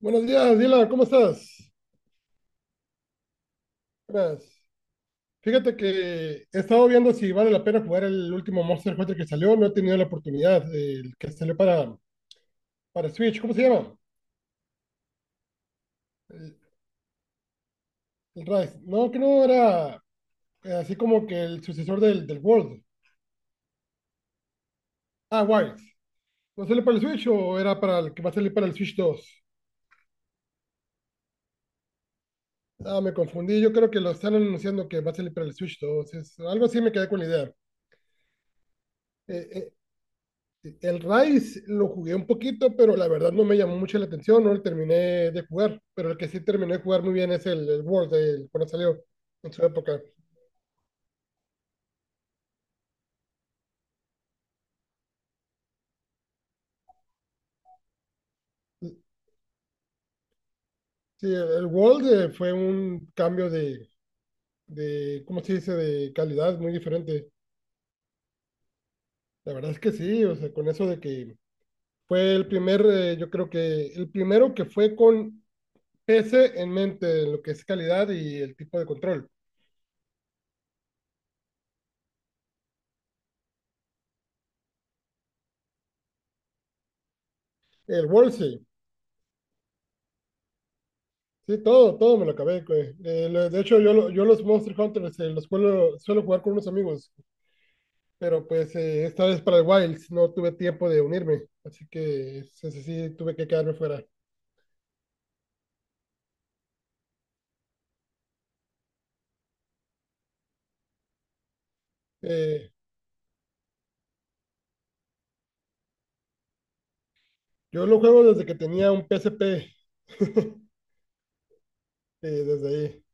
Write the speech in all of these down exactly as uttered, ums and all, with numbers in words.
Buenos días, Dila, ¿cómo estás? Buenas. Fíjate que he estado viendo si vale la pena jugar el último Monster Hunter que salió. No he tenido la oportunidad. El que salió para, para Switch, ¿cómo se llama? El, el Rise. No, que no era eh, así como que el sucesor del, del World. Ah, Wilds. ¿No salió para el Switch o era para el que va a salir para el Switch dos? Ah, me confundí. Yo creo que lo están anunciando que va a salir para el Switch dos. Es, algo así me quedé con la idea. Eh, eh, El Rise lo jugué un poquito, pero la verdad no me llamó mucho la atención, no lo terminé de jugar. Pero el que sí terminé de jugar muy bien es el, el World, el- cuando salió en su época. Sí, el, el World eh, fue un cambio de, de, ¿cómo se dice?, de calidad muy diferente. La verdad es que sí, o sea, con eso de que fue el primer, eh, yo creo que el primero que fue con P C en mente, lo que es calidad y el tipo de control. El World, sí. Sí, todo, todo me lo acabé, güey. Eh, lo- de hecho, yo, lo- yo los Monster Hunters eh, los suelo, suelo jugar con unos amigos, pero pues eh, esta vez para el Wilds no tuve tiempo de unirme, así que ese sí tuve que quedarme fuera. Eh, yo lo juego desde que tenía un P S P, eh, desde ahí.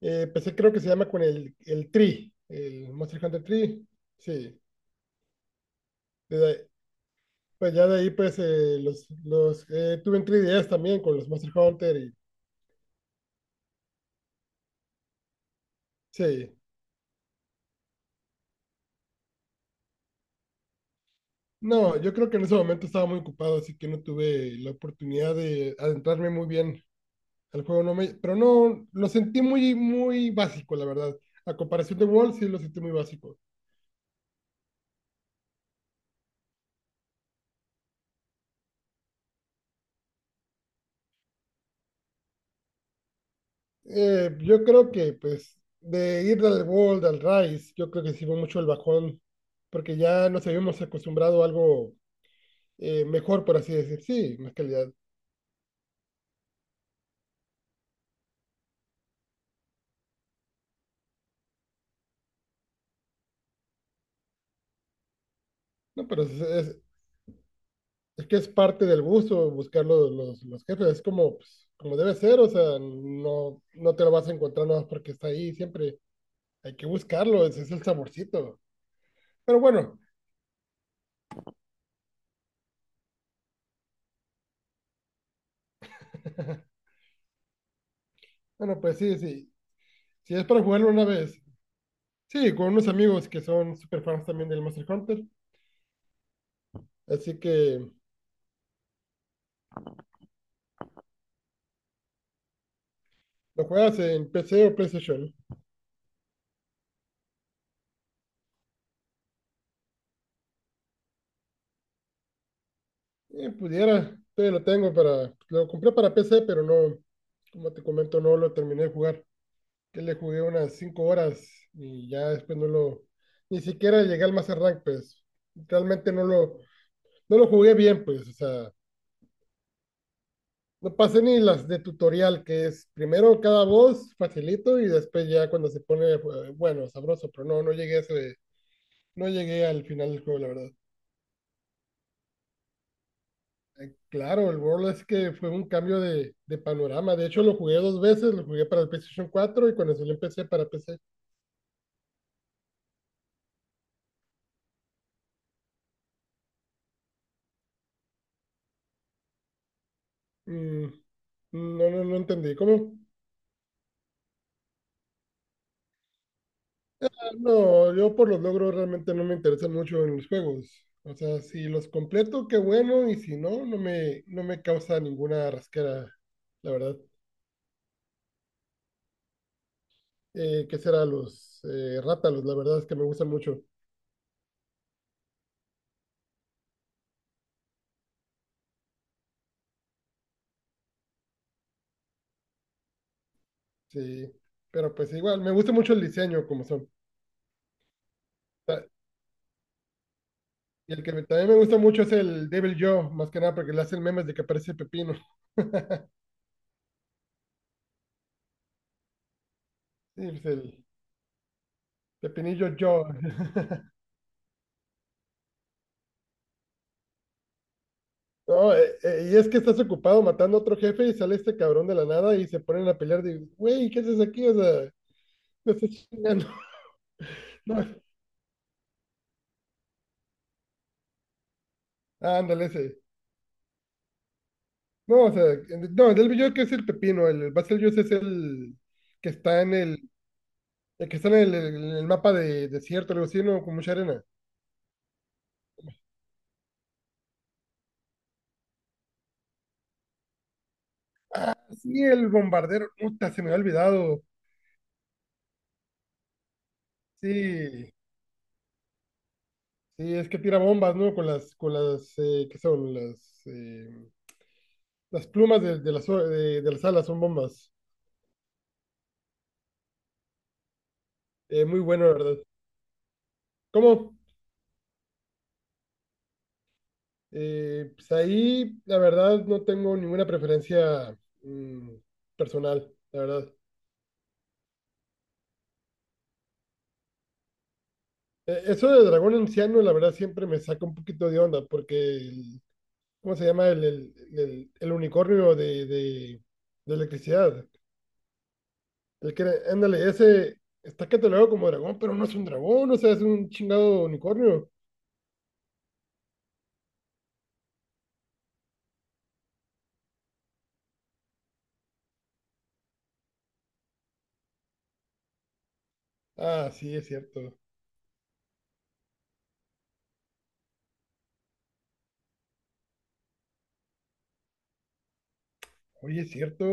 Eh, empecé creo que se llama con el, el Tree, el Monster Hunter Tree, sí. desde ahí- pues ya de ahí pues eh, los, los eh, tuve en tres D S también con los Monster Hunter y sí. No, yo creo que en ese momento estaba muy ocupado, así que no tuve la oportunidad de adentrarme muy bien al juego. No me, pero no, lo sentí muy, muy básico, la verdad. A comparación de World, sí lo sentí muy básico. Eh, yo creo que, pues, de ir del World al Rise, yo creo que sí fue mucho el bajón, porque ya nos habíamos acostumbrado a algo eh, mejor, por así decir. Sí, más calidad. No, pero es, es- Es que es parte del gusto buscar los, los, los jefes, es como, pues, como debe ser, o sea, no, no te lo vas a encontrar nada más porque está ahí, siempre hay que buscarlo, ese es el saborcito. Pero bueno, bueno, pues sí, sí, si es para jugarlo una vez, sí, con unos amigos que son super fans también del Monster Hunter, así que lo juegas en P C o PlayStation. Eh, pudiera, todavía lo tengo para, lo compré para P C, pero no, como te comento, no lo terminé de jugar. Que le jugué unas cinco horas y ya después no lo, ni siquiera llegué al Master Rank, pues realmente no lo, no lo jugué bien, pues, o sea, no pasé ni las de tutorial, que es primero cada voz, facilito, y después ya cuando se pone, eh, bueno, sabroso, pero no, no llegué a ese, no llegué al final del juego, la verdad. Eh, Claro, el World es que fue un cambio de, de panorama. De hecho, lo jugué dos veces, lo jugué para el PlayStation cuatro y cuando salió en P C para P C. Mm, no, no, no entendí. ¿Cómo? No, yo por los logros realmente no me interesan mucho en los juegos. O sea, si los completo, qué bueno, y si no, no me, no me causa ninguna rasquera, la verdad. Eh, ¿qué será? Los eh, rátalos, la verdad es que me gustan mucho. Sí, pero pues igual, me gusta mucho el diseño como son. Ta- Y el que me- también me gusta mucho es el Devil Joe, más que nada porque le hacen memes de que aparece Pepino. Sí, pues el Pepinillo Joe. No, eh, eh, y es que estás ocupado matando a otro jefe y sale este cabrón de la nada y se ponen a pelear. Digo, güey, ¿qué haces aquí? O sea, no estás chingando. No, ah, ándale, ese. No, o sea, eh, no, el del Bellota es el pepino. El, el Basil es el que está en el, el que está en el, el- el mapa de desierto, algo así, ¿no? Con mucha arena. Sí, el bombardero. Puta, se me había olvidado. Sí, sí, es que tira bombas, ¿no? Con las, con las, eh, ¿qué son? Las, eh, las plumas de, de las, o- de de las alas son bombas. Eh, muy bueno, la verdad. ¿Cómo? Eh, pues ahí, la verdad, no tengo ninguna preferencia mm, personal, la verdad. Eh, eso de dragón anciano, la verdad, siempre me saca un poquito de onda, porque, el- ¿cómo se llama? El, el, el- el unicornio de, de, de electricidad. El que, era- ándale, ese está catalogado como dragón, pero no es un dragón, o sea, es un chingado unicornio. Ah, sí, es cierto. Oye, es cierto,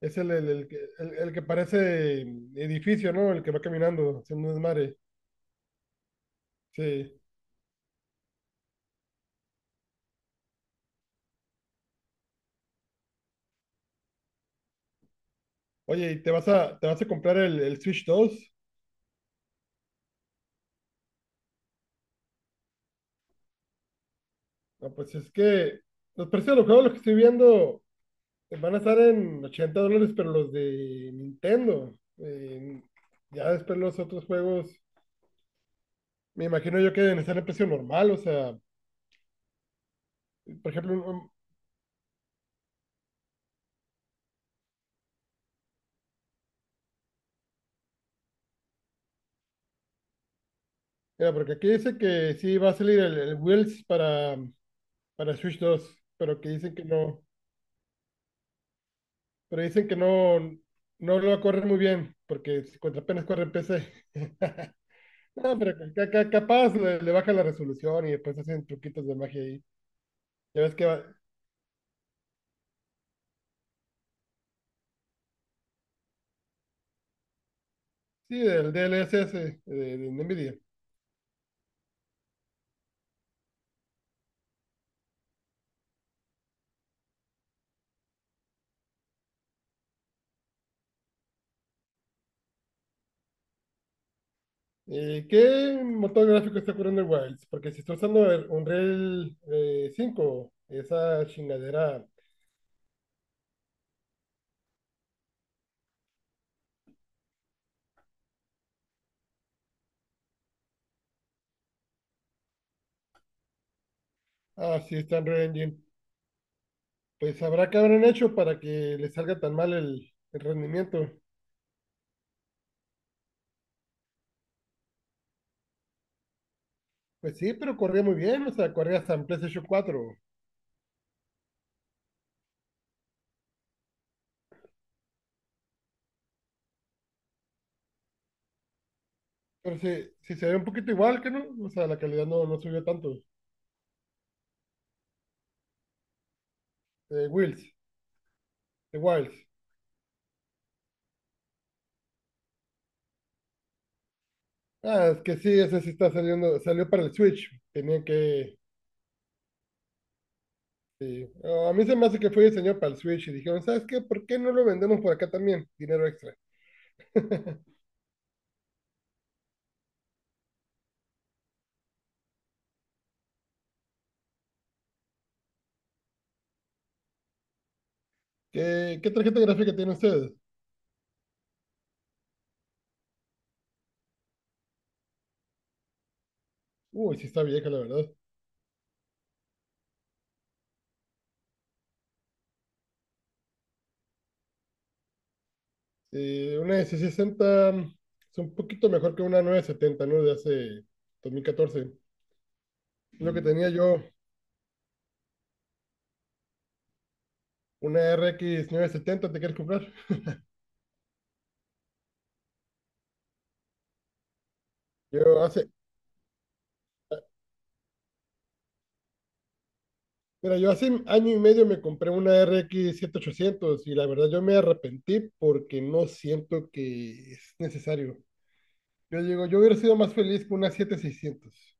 es el, el, el que el- el que parece mm, edificio, ¿no? El que va caminando haciendo un desmadre. Sí. Oye, ¿y te vas a, te vas a comprar el, el Switch dos? No, pues es que los precios de los juegos, los que estoy viendo, van a estar en ochenta dólares, pero los de Nintendo. Eh, ya después los otros juegos, me imagino yo que deben estar en precio normal. O sea, por ejemplo, un- un- mira, porque aquí dice que sí va a salir el, el Wheels para, para Switch dos, pero que dicen que no. Pero dicen que no, no lo corre muy bien, porque contra apenas corre en P C. No, pero ca- ca- capaz le, le baja la resolución y después hacen truquitos de magia ahí. Ya ves que va. Sí, del D L S S de, de NVIDIA. Eh, ¿qué motor gráfico está corriendo el Wilds? Porque si está usando el Unreal eh, cinco, esa chingadera. Ah, sí, está en Unreal Engine. Pues habrá que habrán hecho para que le salga tan mal el, el rendimiento. Pues sí, pero corría muy bien, o sea, corría hasta en PlayStation cuatro. Pero sí, sí se ve un poquito igual que no, o sea, la calidad no, no subió tanto. Eh, Wills, de Wilds. Ah, es que sí, ese sí está saliendo, salió para el Switch. Tenían que, sí. Oh, a mí se me hace que fue diseñado para el Switch y dijeron, ¿sabes qué? ¿Por qué no lo vendemos por acá también? Dinero extra. ¿Qué, qué tarjeta gráfica tiene usted? Uy, sí está vieja, la verdad. Eh, una de sesenta mm, es un poquito mejor que una novecientos setenta, ¿no? De hace dos mil catorce. Lo que tenía yo, una R X setenta. ¿Te quieres comprar? Yo hace, Mira, yo hace año y medio me compré una R X ochocientos y la verdad yo me arrepentí porque no siento que es necesario. Yo digo, yo hubiera sido más feliz con una siete mil seiscientos.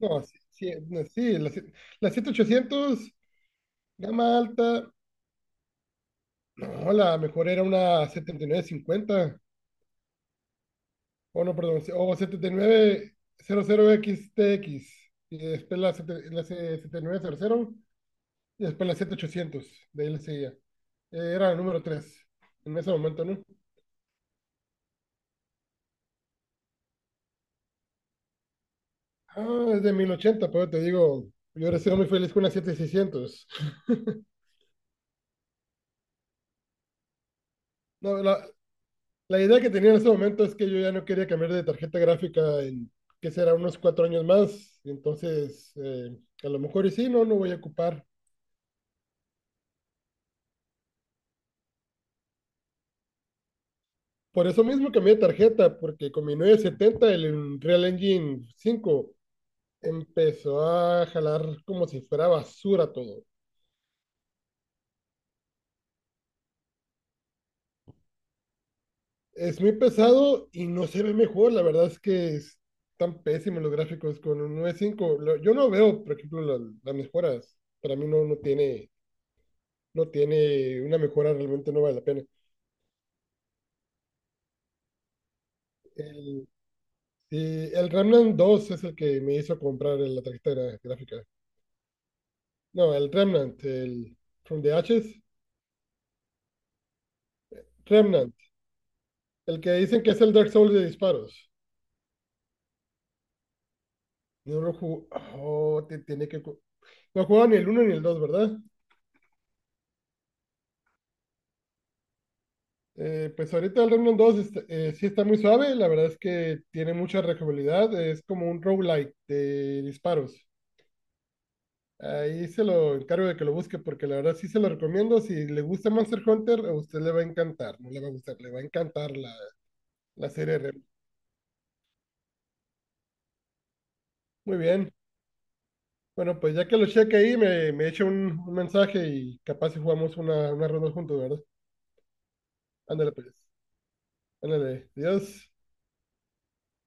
No, sí, sí, no, sí, la, sie- la siete mil ochocientos, gama alta, no, la mejor era una setenta y nueve cincuenta, o no, perdón, se- o siete mil novecientos X T X, y nueve cero cero X T X, y después la, sete- la se- setenta y nueve cero cero. Y después la siete ochocientos de ahí le seguía. Eh, era el número tres en ese momento, ¿no? Ah, es de mil ochenta pero te digo, yo ahora sido muy feliz con una siete seiscientos. No, la, la idea que tenía en ese momento es que yo ya no quería cambiar de tarjeta gráfica en, que será unos cuatro años más. Y entonces, eh, a lo mejor y sí, no, no voy a ocupar. Por eso mismo cambié de tarjeta, porque con mi setenta el Unreal Engine cinco empezó a jalar como si fuera basura todo. Es muy pesado y no se ve mejor. La verdad es que están pésimos los gráficos con un nueve punto cinco. Lo- Yo no veo, por ejemplo, la- las mejoras. Para mí no, no tiene, no tiene una mejora, realmente no vale la pena. El, y el Remnant dos es el que me hizo comprar la tarjeta gra- gráfica. No, el Remnant, el From the Ashes. Remnant, el que dicen que es el Dark Souls de disparos. No lo jugó. Oh, te- tiene que. ju- No jugaba ni el uno ni el dos, ¿verdad? Eh, pues ahorita el Remnant dos está- eh, sí está muy suave, la verdad es que tiene mucha rejugabilidad, es como un roguelike de disparos. Ahí se lo encargo de que lo busque porque la verdad sí se lo recomiendo, si le gusta Monster Hunter a usted le va a encantar, no le va a gustar, le va a encantar la, la serie Remnant. Muy bien, bueno pues ya que lo cheque ahí me, me echa un, un mensaje y capaz si jugamos una, una ronda juntos, ¿verdad? Ándale pues, ándale, adiós.